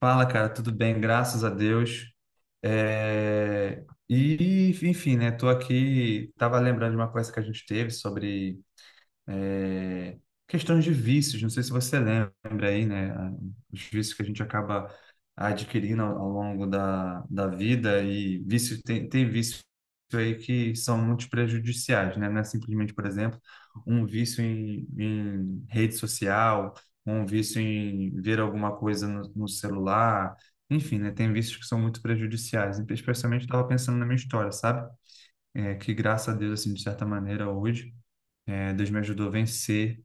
Fala, cara, tudo bem? Graças a Deus. É, E, enfim, né? Tô aqui, tava lembrando de uma coisa que a gente teve sobre é, questões de vícios, não sei se você lembra aí, né, os vícios que a gente acaba adquirindo ao longo da vida e vício, tem vícios aí que são muito prejudiciais, né, não é simplesmente, por exemplo, um vício em rede social, um vício em ver alguma coisa no celular, enfim, né, tem vícios que são muito prejudiciais, especialmente estava pensando na minha história, sabe? Que graças a Deus, assim, de certa maneira, hoje, Deus me ajudou a vencer,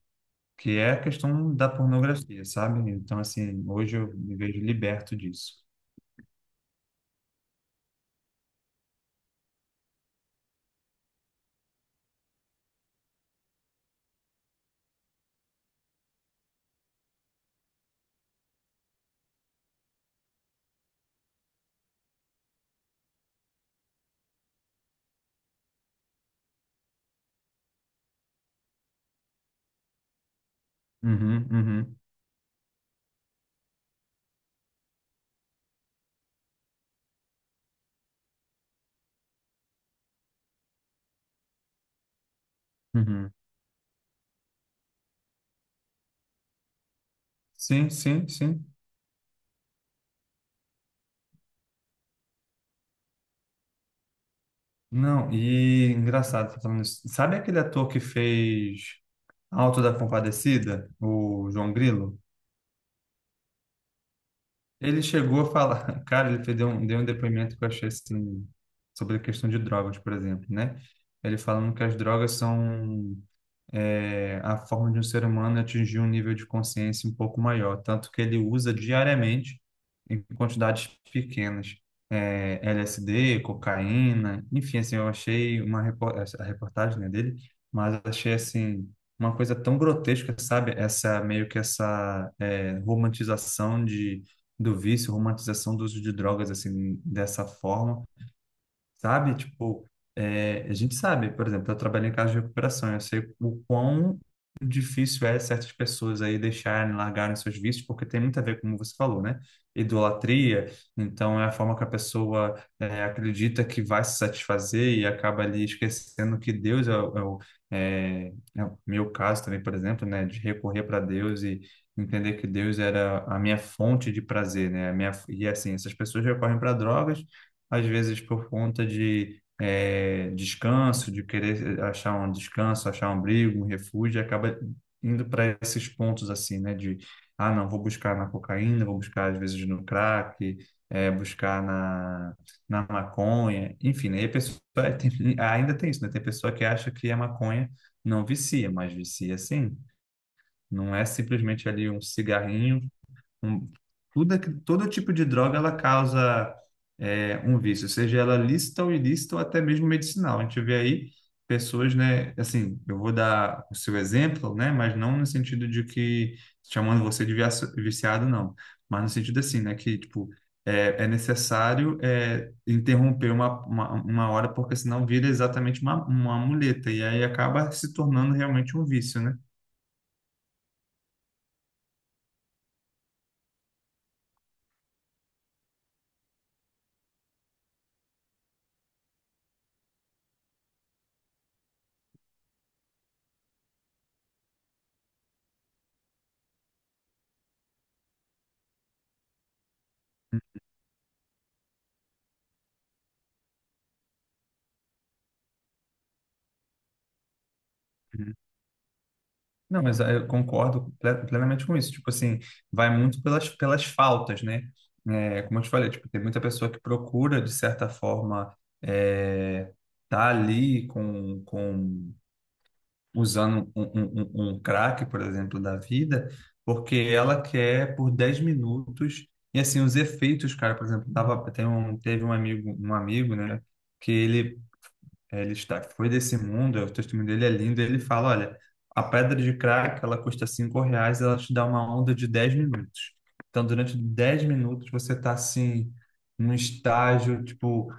que é a questão da pornografia, sabe? Então, assim, hoje eu me vejo liberto disso. Uhum, uhum, uhum. Sim, sim, sim. Não, e engraçado, você tá falando isso. Sabe aquele ator que fez Auto da Compadecida, o João Grilo? Ele chegou a falar, cara, ele deu um depoimento que eu achei assim, sobre a questão de drogas, por exemplo, né? Ele falando que as drogas são a forma de um ser humano atingir um nível de consciência um pouco maior, tanto que ele usa diariamente em quantidades pequenas, LSD, cocaína, enfim, assim, eu achei a reportagem, né, dele, mas achei assim uma coisa tão grotesca, sabe? Essa meio que essa romantização de do vício, romantização do uso de drogas assim dessa forma, sabe? Tipo, a gente sabe, por exemplo, eu trabalho em casa de recuperação, eu sei o quão difícil é certas pessoas aí deixarem, largarem seus vícios, porque tem muito a ver, como você falou, né? Idolatria. Então é a forma que a pessoa é, acredita que vai se satisfazer e acaba ali esquecendo que Deus é o meu caso também, por exemplo, né? De recorrer para Deus e entender que Deus era a minha fonte de prazer, né? A minha, e assim, essas pessoas recorrem para drogas às vezes por conta de descanso, de querer achar um descanso, achar um abrigo, um refúgio, e acaba indo para esses pontos assim, né? De, ah, não, vou buscar na cocaína, vou buscar às vezes no crack, buscar na maconha, enfim, aí a pessoa ainda tem isso, né? Tem pessoa que acha que a maconha não vicia, mas vicia sim. Não é simplesmente ali um cigarrinho um, tudo, todo tipo de droga ela causa um vício, seja ela lícita ou ilícita ou até mesmo medicinal. A gente vê aí pessoas, né? Assim, eu vou dar o seu exemplo, né? Mas não no sentido de que chamando você de viciado, não. Mas no sentido assim, né? Que tipo é necessário, interromper uma hora, porque senão vira exatamente uma muleta e aí acaba se tornando realmente um vício, né? Não, mas ah, eu concordo plenamente com isso. Tipo assim, vai muito pelas faltas, né? É, como eu te falei, tipo, tem muita pessoa que procura, de certa forma, é, tá ali com usando um crack, por exemplo, da vida, porque ela quer por 10 minutos. E assim, os efeitos, cara, por exemplo, teve um amigo, né? Que ele foi desse mundo, é o testemunho dele, é lindo, ele fala, olha, a pedra de crack, ela custa R$ 5, ela te dá uma onda de 10 minutos. Então, durante 10 minutos, você está, assim, num estágio, tipo,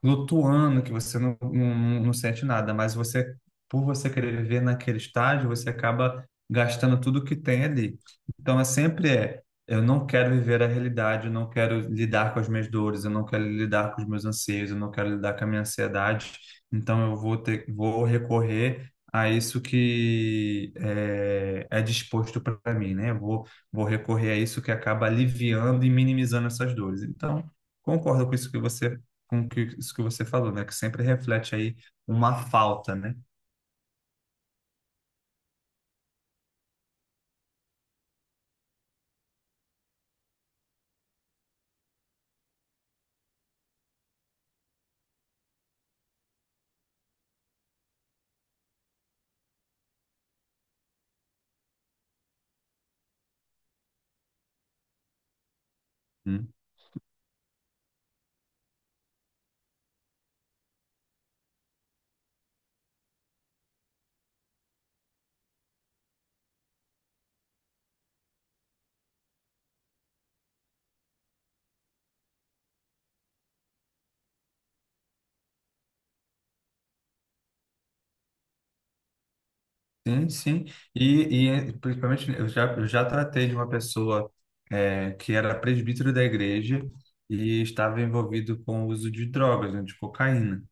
flutuando, que você não sente nada, mas você, por você querer viver naquele estágio, você acaba gastando tudo que tem ali. Então, é sempre, eu não quero viver a realidade, eu não quero lidar com as minhas dores, eu não quero lidar com os meus anseios, eu não quero lidar com a minha ansiedade. Então eu vou recorrer a isso que é disposto para mim, né? Vou recorrer a isso que acaba aliviando e minimizando essas dores. Então, concordo com isso que você, isso que você falou, né? Que sempre reflete aí uma falta, né? Hum. Sim, sim. E, principalmente, eu já tratei de uma pessoa, que era presbítero da igreja e estava envolvido com o uso de drogas, né, de cocaína.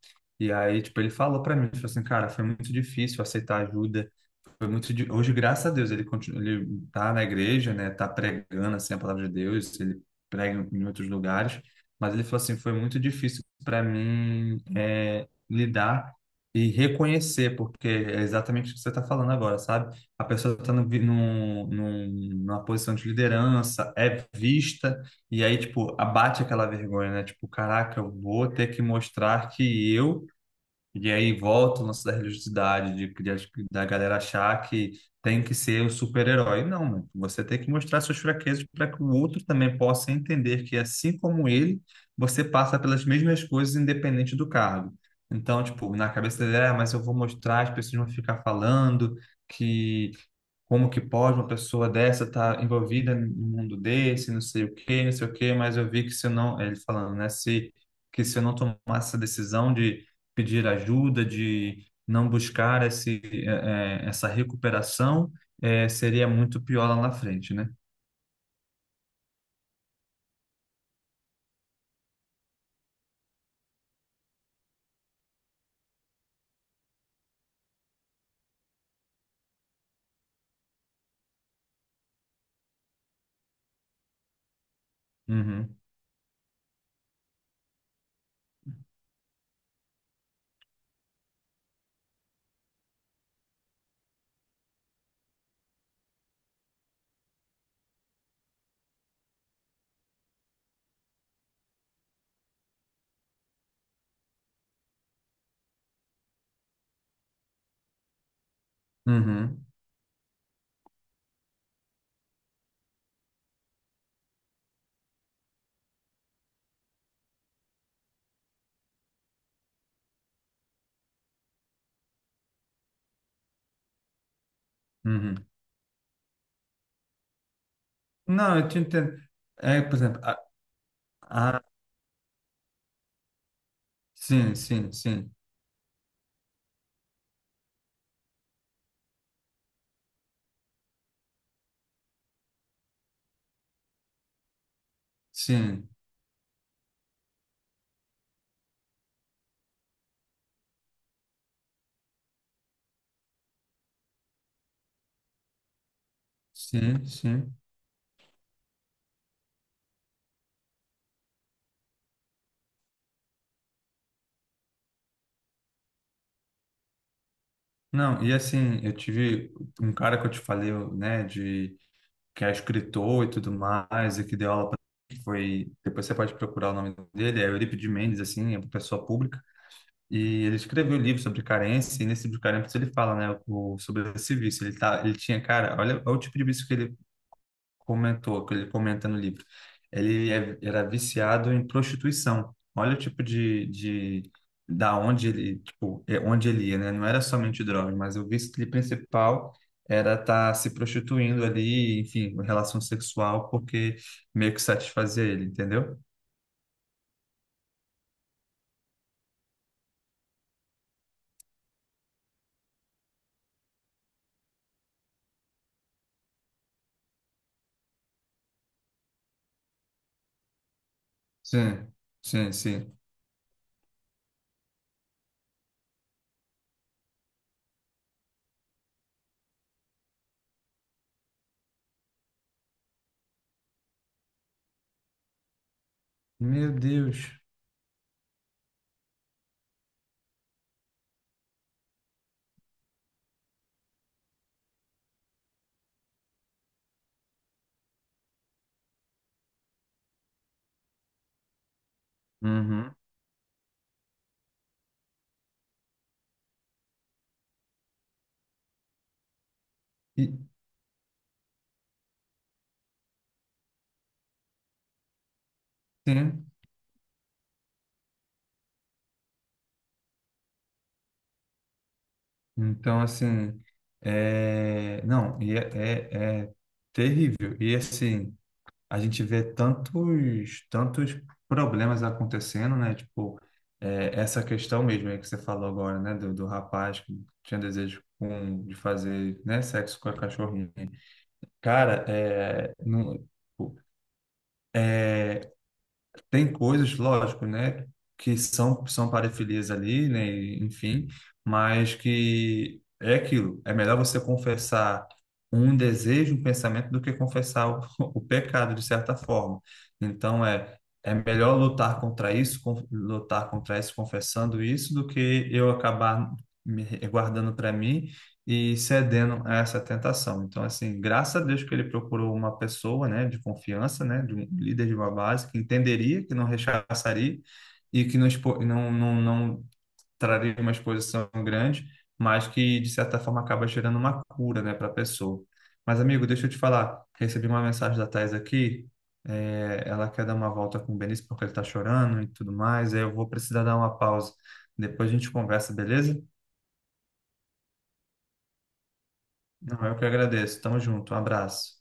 E aí, tipo, ele falou para mim, ele falou assim, cara, foi muito difícil aceitar ajuda, foi muito hoje, graças a Deus, ele continua, ele tá na igreja, né, tá pregando assim a palavra de Deus, ele prega em outros lugares, mas ele falou assim, foi muito difícil para mim, lidar e reconhecer, porque é exatamente o que você está falando agora, sabe, a pessoa está numa posição de liderança, é vista, e aí tipo abate aquela vergonha, né, tipo caraca, eu vou ter que mostrar que eu, e aí volta o lance da religiosidade, da galera achar que tem que ser o super-herói. Não, mano. Você tem que mostrar suas fraquezas para que o outro também possa entender que, assim como ele, você passa pelas mesmas coisas, independente do cargo. Então, tipo, na cabeça dele, ah, mas eu vou mostrar, as pessoas vão ficar falando que como que pode uma pessoa dessa estar envolvida no mundo desse, não sei o quê, não sei o quê, mas eu vi que, se eu não, ele falando, né, se eu não tomasse essa decisão de pedir ajuda, de não buscar essa recuperação, seria muito pior lá na frente, né? Uhum, uhum, uhum. Não, eu te entendo. Por exemplo, a, sim, sim, sim, sim, sim, sim. Não, e assim, eu tive um cara que eu te falei, né, de que é escritor e tudo mais, e que deu aula que foi, depois você pode procurar o nome dele, é Eurípides Mendes, assim, é uma pessoa pública, e ele escreveu um livro sobre carência, e nesse livro de carência ele fala, né, sobre esse vício, ele tinha, cara, olha, olha o tipo de vício que ele que ele comenta no livro. Ele era viciado em prostituição. Olha o tipo de da onde ele, tipo, é onde ele ia, né? Não era somente drogas, mas o vício dele principal era estar se prostituindo ali, enfim, relação sexual, porque meio que satisfazia ele, entendeu? Sim, sim, sim. Meu Deus. Uhum. E, sim. Então, assim, não, e é terrível. E assim, a gente vê tantos, tantos problemas acontecendo, né? Tipo, essa questão mesmo aí que você falou agora, né? Do rapaz que tinha desejo de fazer, né? Sexo com a cachorrinha. Cara, não, tipo, tem coisas, lógico, né, que são parafilias ali, né, e, enfim, mas que é aquilo. É melhor você confessar um desejo, um pensamento, do que confessar o pecado, de certa forma. Então, é melhor lutar contra isso, lutar contra isso, confessando isso, do que eu acabar me guardando para mim e cedendo a essa tentação. Então, assim, graças a Deus que ele procurou uma pessoa, né, de confiança, né, de um líder de uma base que entenderia, que não rechaçaria e que não traria uma exposição grande, mas que, de certa forma, acaba gerando uma cura, né, para a pessoa. Mas, amigo, deixa eu te falar, recebi uma mensagem da Thais aqui, ela quer dar uma volta com o Benício porque ele está chorando e tudo mais, aí eu vou precisar dar uma pausa. Depois a gente conversa, beleza? Não, eu que agradeço. Tamo junto. Um abraço.